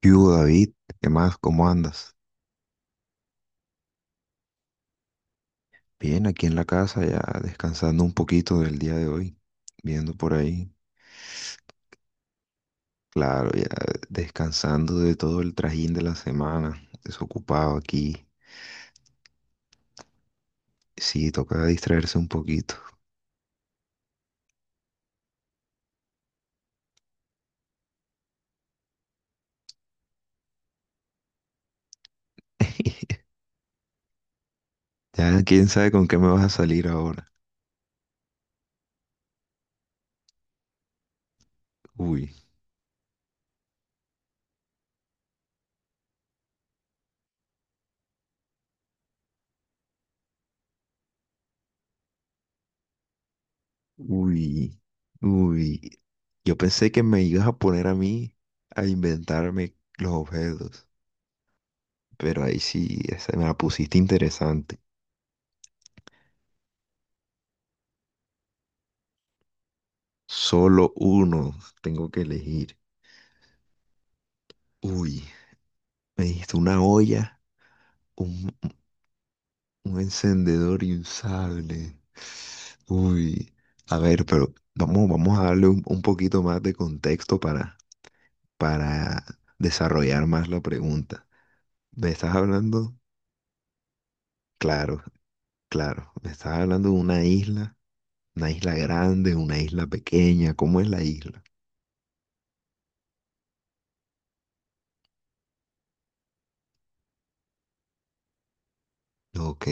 ¿Qué hubo, David? ¿Qué más? ¿Cómo andas? Bien, aquí en la casa ya descansando un poquito del día de hoy, viendo por ahí, claro, ya descansando de todo el trajín de la semana, desocupado aquí. Sí, toca distraerse un poquito. Ya quién sabe con qué me vas a salir ahora. Uy, uy, uy. Yo pensé que me ibas a poner a mí a inventarme los objetos, pero ahí sí, esa me la pusiste interesante. Solo uno. Tengo que elegir. Uy, me dijiste una olla, un, un encendedor y un sable. Uy, a ver, pero vamos, vamos a darle un poquito más de contexto para desarrollar más la pregunta. ¿Me estás hablando? Claro, claro. ¿Me estás hablando de una isla? ¿Una isla grande? ¿Una isla pequeña? ¿Cómo es la isla? Ok,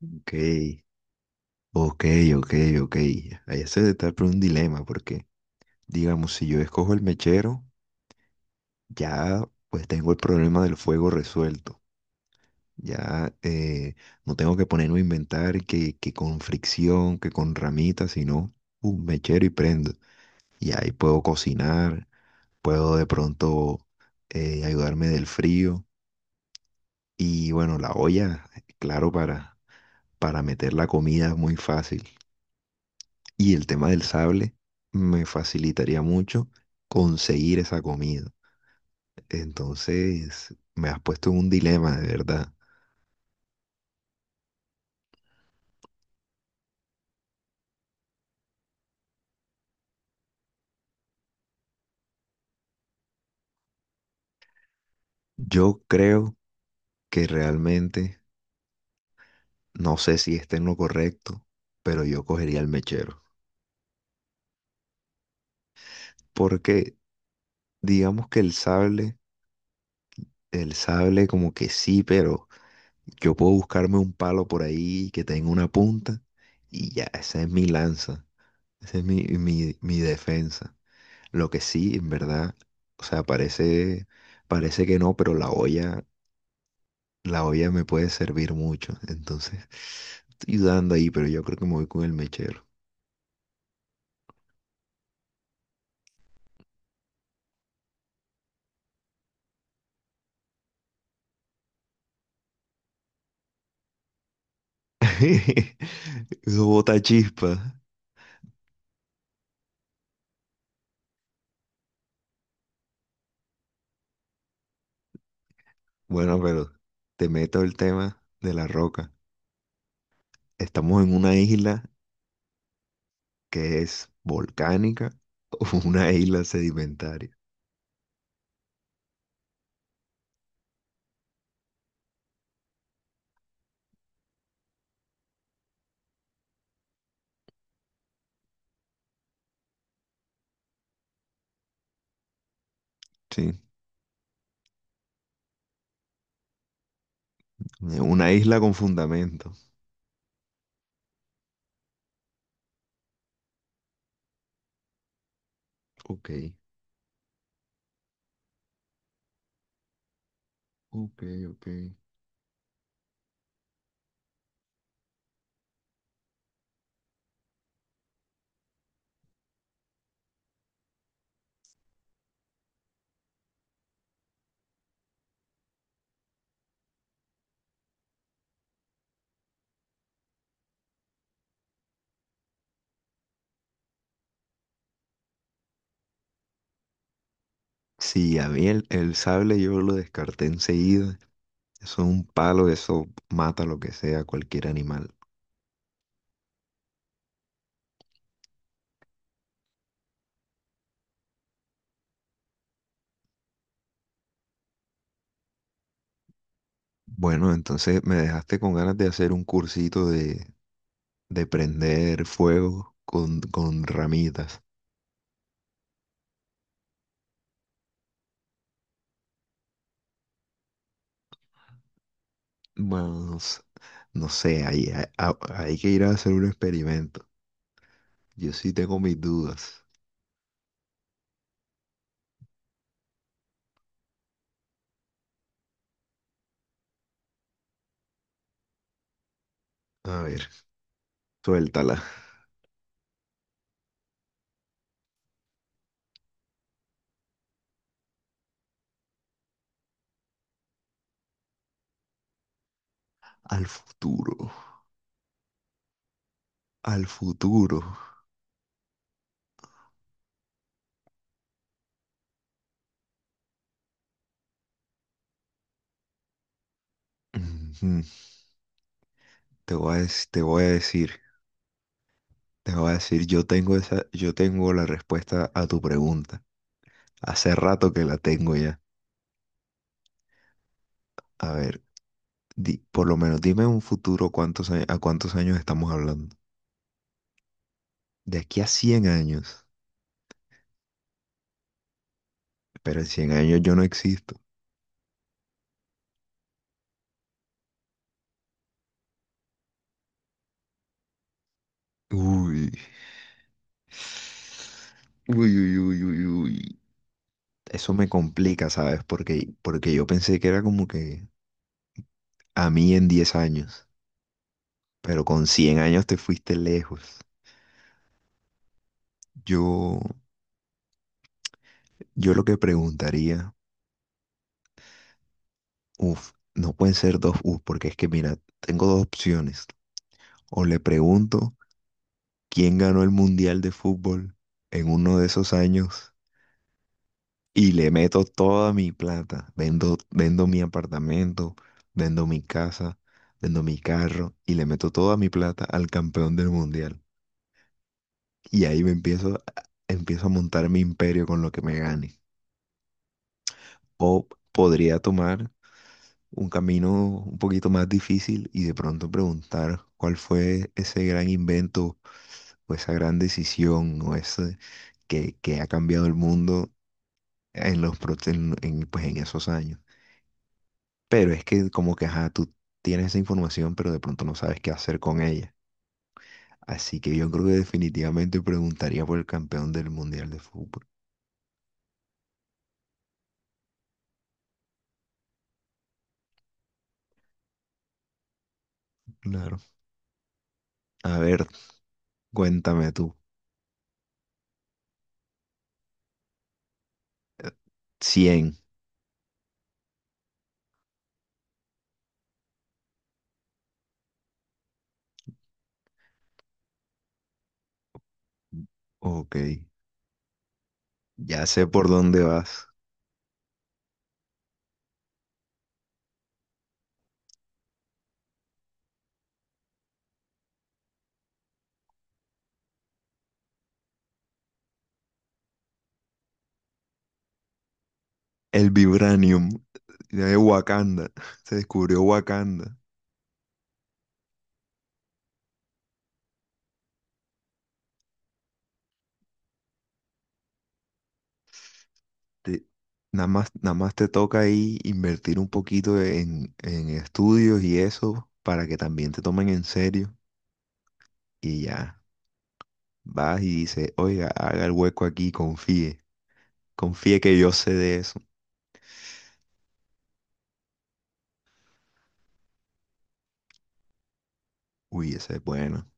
ok. Ok, ok, ok. Ahí se está por un dilema porque, digamos, si yo escojo el mechero, ya pues tengo el problema del fuego resuelto. Ya, no tengo que ponerme a inventar que con fricción, que con ramitas, sino un mechero y prendo. Y ahí puedo cocinar, puedo de pronto, ayudarme del frío. Y bueno, la olla, claro, para meter la comida es muy fácil. Y el tema del sable me facilitaría mucho conseguir esa comida. Entonces, me has puesto en un dilema, de verdad. Yo creo que realmente, no sé si esté en lo correcto, pero yo cogería el mechero. Porque digamos que el sable como que sí, pero yo puedo buscarme un palo por ahí que tenga una punta y ya, esa es mi lanza, esa es mi, mi defensa. Lo que sí, en verdad, o sea, parece, parece que no, pero la olla me puede servir mucho. Entonces, estoy dudando ahí, pero yo creo que me voy con el mechero. Eso bota chispa. Bueno, pero te meto el tema de la roca. Estamos en una isla que es volcánica o una isla sedimentaria. Sí, una isla con fundamento. Ok, ok, ok. Sí, a mí el sable yo lo descarté enseguida. Eso es un palo, eso mata lo que sea, cualquier animal. Bueno, entonces me dejaste con ganas de hacer un cursito de prender fuego con ramitas. Más, no sé, hay que ir a hacer un experimento. Yo sí tengo mis dudas. A ver, suéltala. Al futuro, al futuro. Ujú. Te voy a decir, te voy a decir, yo tengo esa, yo tengo la respuesta a tu pregunta. Hace rato que la tengo ya. A ver, por lo menos dime un futuro cuántos, a cuántos años estamos hablando. De aquí a 100 años. Pero en 100 años yo no existo. Uy. Uy, uy, uy, uy, uy. Eso me complica, ¿sabes? Porque yo pensé que era como que a mí en 10 años, pero con 100 años te fuiste lejos. Yo, yo lo que preguntaría, uff, no pueden ser dos uff, porque es que mira, tengo dos opciones. O le pregunto quién ganó el Mundial de Fútbol en uno de esos años. Y le meto toda mi plata. Vendo mi apartamento, vendo mi casa, vendo mi carro y le meto toda mi plata al campeón del mundial. Y ahí empiezo a montar mi imperio con lo que me gane. O podría tomar un camino un poquito más difícil y de pronto preguntar cuál fue ese gran invento o esa gran decisión o ese que, ha cambiado el mundo en los, pro- en, pues, en esos años. Pero es que como que, ajá, tú tienes esa información, pero de pronto no sabes qué hacer con ella. Así que yo creo que definitivamente preguntaría por el campeón del Mundial de Fútbol. Claro. A ver, cuéntame tú. Eh, 100. Ok. Ya sé por dónde vas. El vibranium de Wakanda. Se descubrió Wakanda. Te- nada más, nada más te toca ahí invertir un poquito en estudios y eso para que también te tomen en serio. Y ya. Vas y dices, oiga, haga el hueco aquí, confíe. Confíe que yo sé de eso. Uy, esa es buena.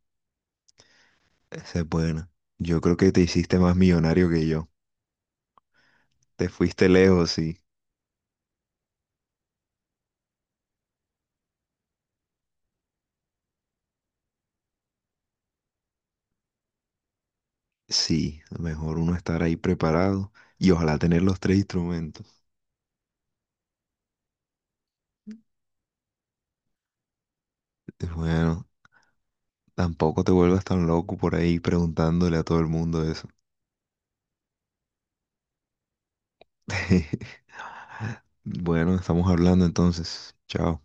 Esa es buena. Yo creo que te hiciste más millonario que yo. Te fuiste lejos, sí. Sí, mejor uno estar ahí preparado y ojalá tener los tres instrumentos. Bueno, tampoco te vuelvas tan loco por ahí preguntándole a todo el mundo eso. Bueno, estamos hablando entonces. Chao.